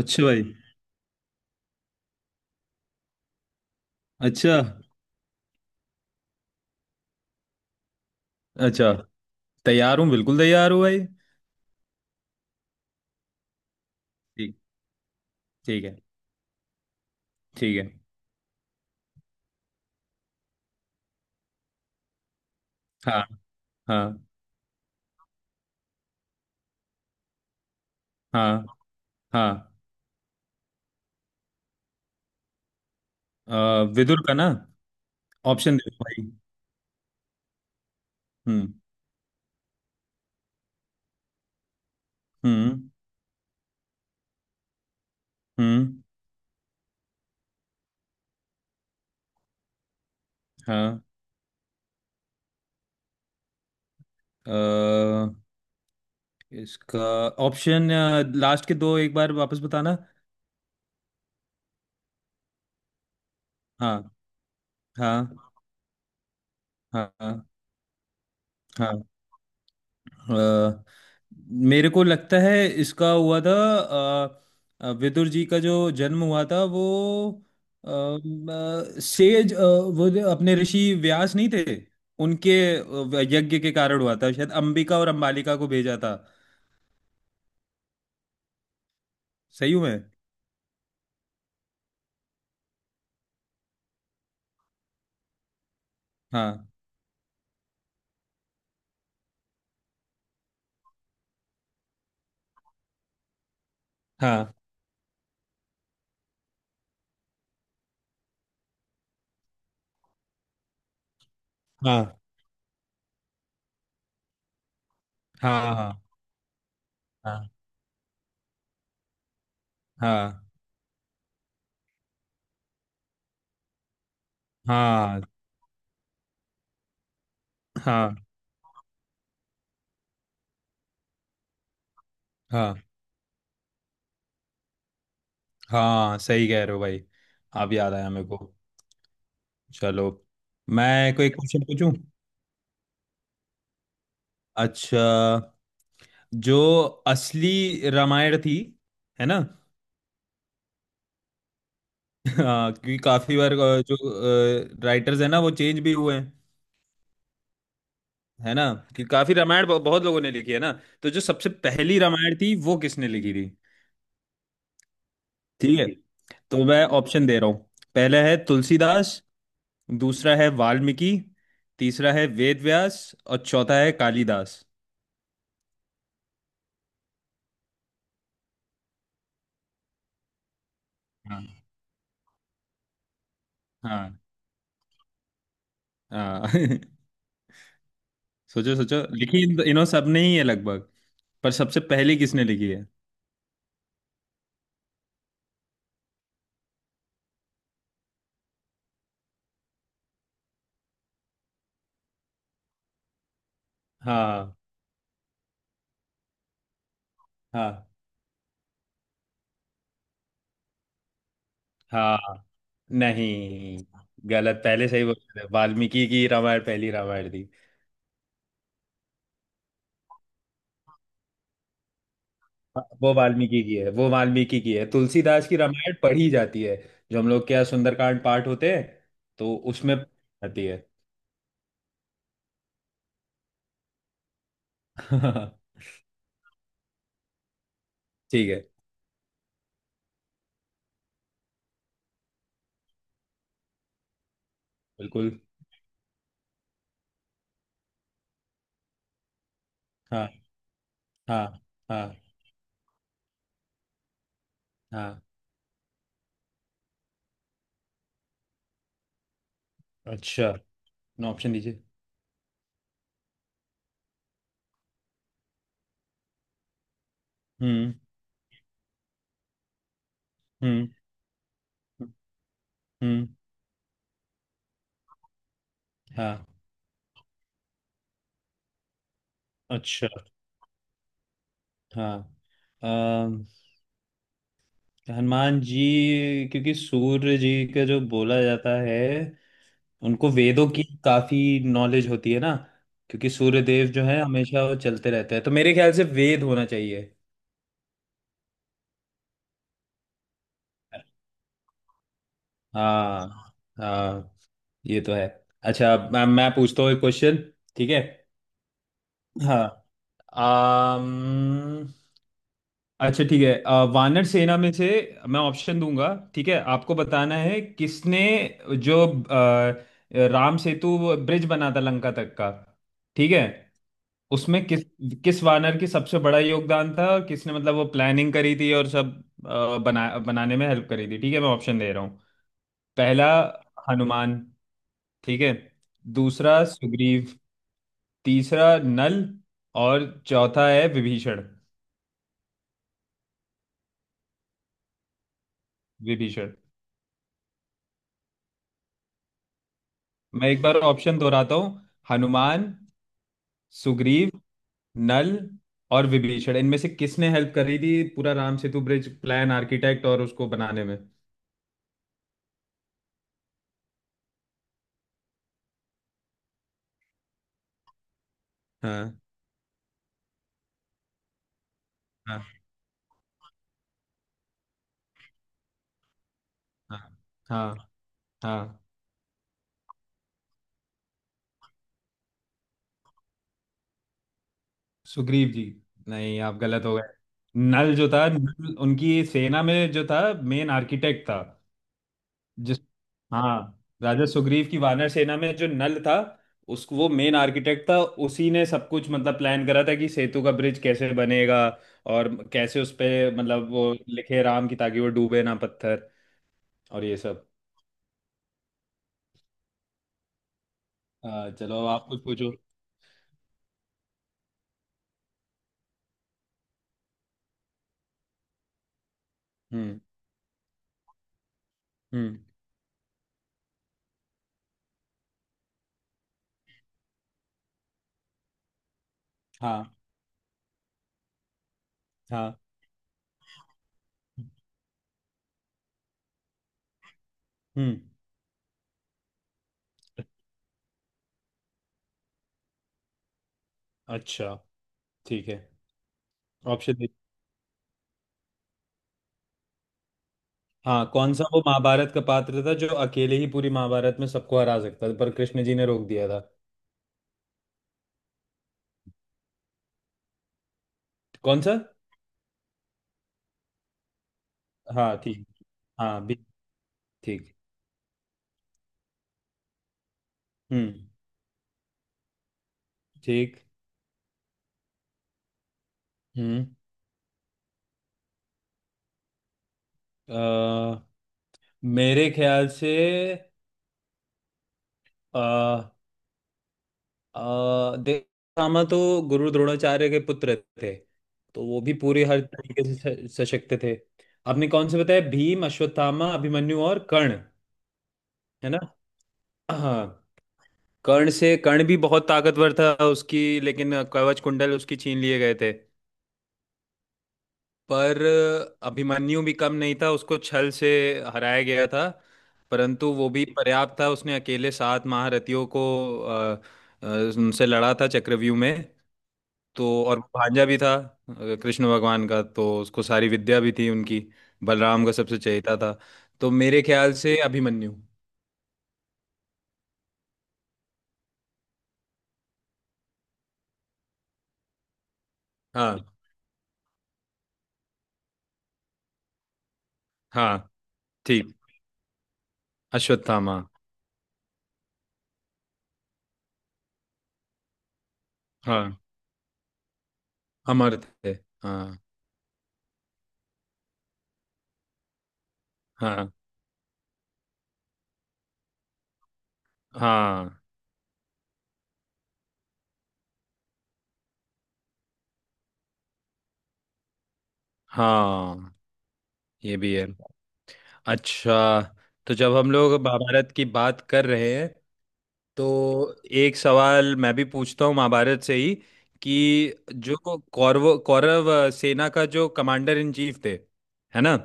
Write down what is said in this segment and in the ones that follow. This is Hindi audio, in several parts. अच्छा भाई। अच्छा। अच्छा। तैयार हूँ, बिल्कुल तैयार हूँ भाई। ठीक। ठीक है। ठीक है। हाँ। हाँ। हाँ। हाँ। विदुर का ना। ऑप्शन दे दो भाई। हम्म। हम्म। हम्म। हाँ। अ, इसका ऑप्शन लास्ट के दो एक बार वापस बताना। हाँ। हाँ। हाँ। हाँ। अ, मेरे को लगता है इसका हुआ था। विदुर जी का जो जन्म हुआ था वो अ, अ, सेज अ, वो जो अपने ऋषि व्यास नहीं थे, उनके यज्ञ के कारण हुआ था शायद। अंबिका और अंबालिका को भेजा था। सही हूँ मैं? हाँ। हाँ। हाँ। हाँ। हाँ। हाँ। हाँ। हाँ। हाँ। हाँ। हाँ। सही कह रहे हो भाई। अब याद आया मेरे को। चलो। मैं कोई क्वेश्चन पूछूं? अच्छा। जो असली रामायण थी, है ना? हाँ, क्योंकि काफी बार जो राइटर्स है ना, वो चेंज भी हुए हैं। है ना? कि काफी रामायण बहुत लोगों ने लिखी है ना। तो जो सबसे पहली रामायण थी, वो किसने लिखी थी? ठीक है। तो मैं ऑप्शन दे रहा हूँ। पहला है तुलसीदास। दूसरा है वाल्मीकि। तीसरा है वेद व्यास। और चौथा है कालिदास। हाँ। हाँ। हाँ। सोचो सोचो, लिखी इन इन सब ने ही है लगभग। पर सबसे पहले किसने लिखी है? हाँ। हाँ। हाँ। नहीं, गलत। पहले सही बोल रहे थे। वाल्मीकि की रामायण पहली रामायण थी। हाँ, वो वाल्मीकि की है। वो वाल्मीकि की है। तुलसीदास की रामायण पढ़ी जाती है, जो हम लोग क्या सुंदरकांड पाठ होते हैं तो उसमें आती है। ठीक है। बिल्कुल। हाँ। हाँ। हाँ। हाँ। अच्छा। ऑप्शन दीजिए। हम्म। हम्म। हम्म। हाँ। अच्छा। हाँ। अम, हनुमान जी, क्योंकि सूर्य जी का जो बोला जाता है उनको वेदों की काफी नॉलेज होती है ना। क्योंकि सूर्यदेव जो है हमेशा वो चलते रहते हैं, तो मेरे ख्याल से वेद होना चाहिए। हाँ। हाँ। ये तो है। अच्छा, मैं पूछता हूँ एक क्वेश्चन। ठीक है। हाँ। आम, अच्छा ठीक है। वानर सेना में से मैं ऑप्शन दूंगा, ठीक है? आपको बताना है किसने जो अ, राम सेतु ब्रिज बना था लंका तक का। ठीक है? उसमें किस किस वानर की सबसे बड़ा योगदान था और किसने, मतलब वो प्लानिंग करी थी और सब बनाने में हेल्प करी थी। ठीक है, मैं ऑप्शन दे रहा हूँ। पहला हनुमान, ठीक है? दूसरा सुग्रीव। तीसरा नल। और चौथा है विभीषण। विभीषण। मैं एक बार ऑप्शन दोहराता हूँ। हनुमान। सुग्रीव। नल। और विभीषण। इनमें से किसने हेल्प करी थी पूरा Ram Setu bridge plan, architect और उसको बनाने में? हाँ। हाँ। हाँ। हाँ। हाँ। सुग्रीव जी? नहीं, आप गलत हो गए। नल जो था, नल उनकी सेना में जो था, मेन आर्किटेक्ट था। जिस हाँ, राजा सुग्रीव की वानर सेना में जो नल था, उसको वो मेन आर्किटेक्ट था। उसी ने सब कुछ मतलब प्लान करा था कि सेतु का ब्रिज कैसे बनेगा और कैसे उस पे, मतलब वो लिखे राम की ताकि वो डूबे ना पत्थर, और ये सब। चलो आप कुछ पूछो। हम्म। हम्म। हाँ। हाँ। हम्म। अच्छा। ठीक है। ऑप्शन? हाँ, कौन सा वो महाभारत का पात्र था जो अकेले ही पूरी महाभारत में सबको हरा सकता था, पर कृष्ण जी ने रोक दिया था? कौन सा? हाँ। ठीक। हाँ भी। ठीक। हम्म। ठीक। हम्म। अ, मेरे ख्याल से अ देवदामा तो गुरु द्रोणाचार्य के पुत्र थे। तो वो भी पूरे हर तरीके से सशक्त थे। आपने कौन से बताया, भीम अश्वत्थामा अभिमन्यु और कर्ण, है ना? हाँ। कर्ण भी बहुत ताकतवर था उसकी, लेकिन कवच कुंडल उसकी छीन लिए गए थे। पर अभिमन्यु भी कम नहीं था, उसको छल से हराया गया था। परंतु वो भी पर्याप्त था, उसने अकेले सात महारथियों को अ, अ, उनसे लड़ा था चक्रव्यूह में। तो और वो भांजा भी था कृष्ण भगवान का, तो उसको सारी विद्या भी थी उनकी। बलराम का सबसे चहेता था। तो मेरे ख्याल से अभिमन्यु। हाँ। हाँ। ठीक। अश्वत्थामा। हाँ, अमर थे। हाँ। हाँ। हाँ। हाँ। ये भी है। अच्छा। तो जब हम लोग महाभारत की बात कर रहे हैं तो एक सवाल मैं भी पूछता हूँ महाभारत से ही। कि जो कौरव कौरव अ, सेना का जो कमांडर इन चीफ थे, है ना?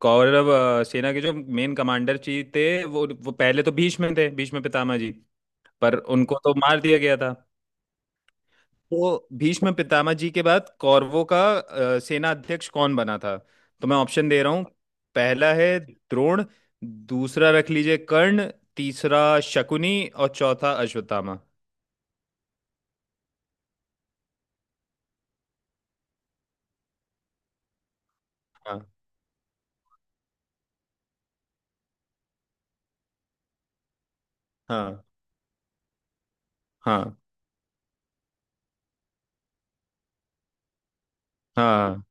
कौरव सेना के जो मेन कमांडर जी थे, वो पहले तो भीष्म थे, भीष्म पितामह जी। पर उनको तो मार दिया गया था। तो भीष्म पितामह जी के बाद कौरवों का सेना अध्यक्ष कौन बना था? तो मैं ऑप्शन दे रहा हूँ। पहला है द्रोण। दूसरा रख लीजिए कर्ण। तीसरा शकुनी और चौथा अश्वत्थामा। हाँ। हाँ। हाँ। हाँ।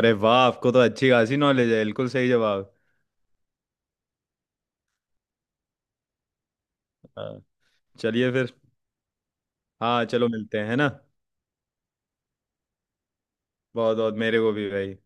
अरे वाह, आपको तो अच्छी खासी नॉलेज है, बिल्कुल सही जवाब। हाँ, चलिए फिर। हाँ, चलो मिलते हैं, है ना? बहुत बहुत मेरे को भी भाई।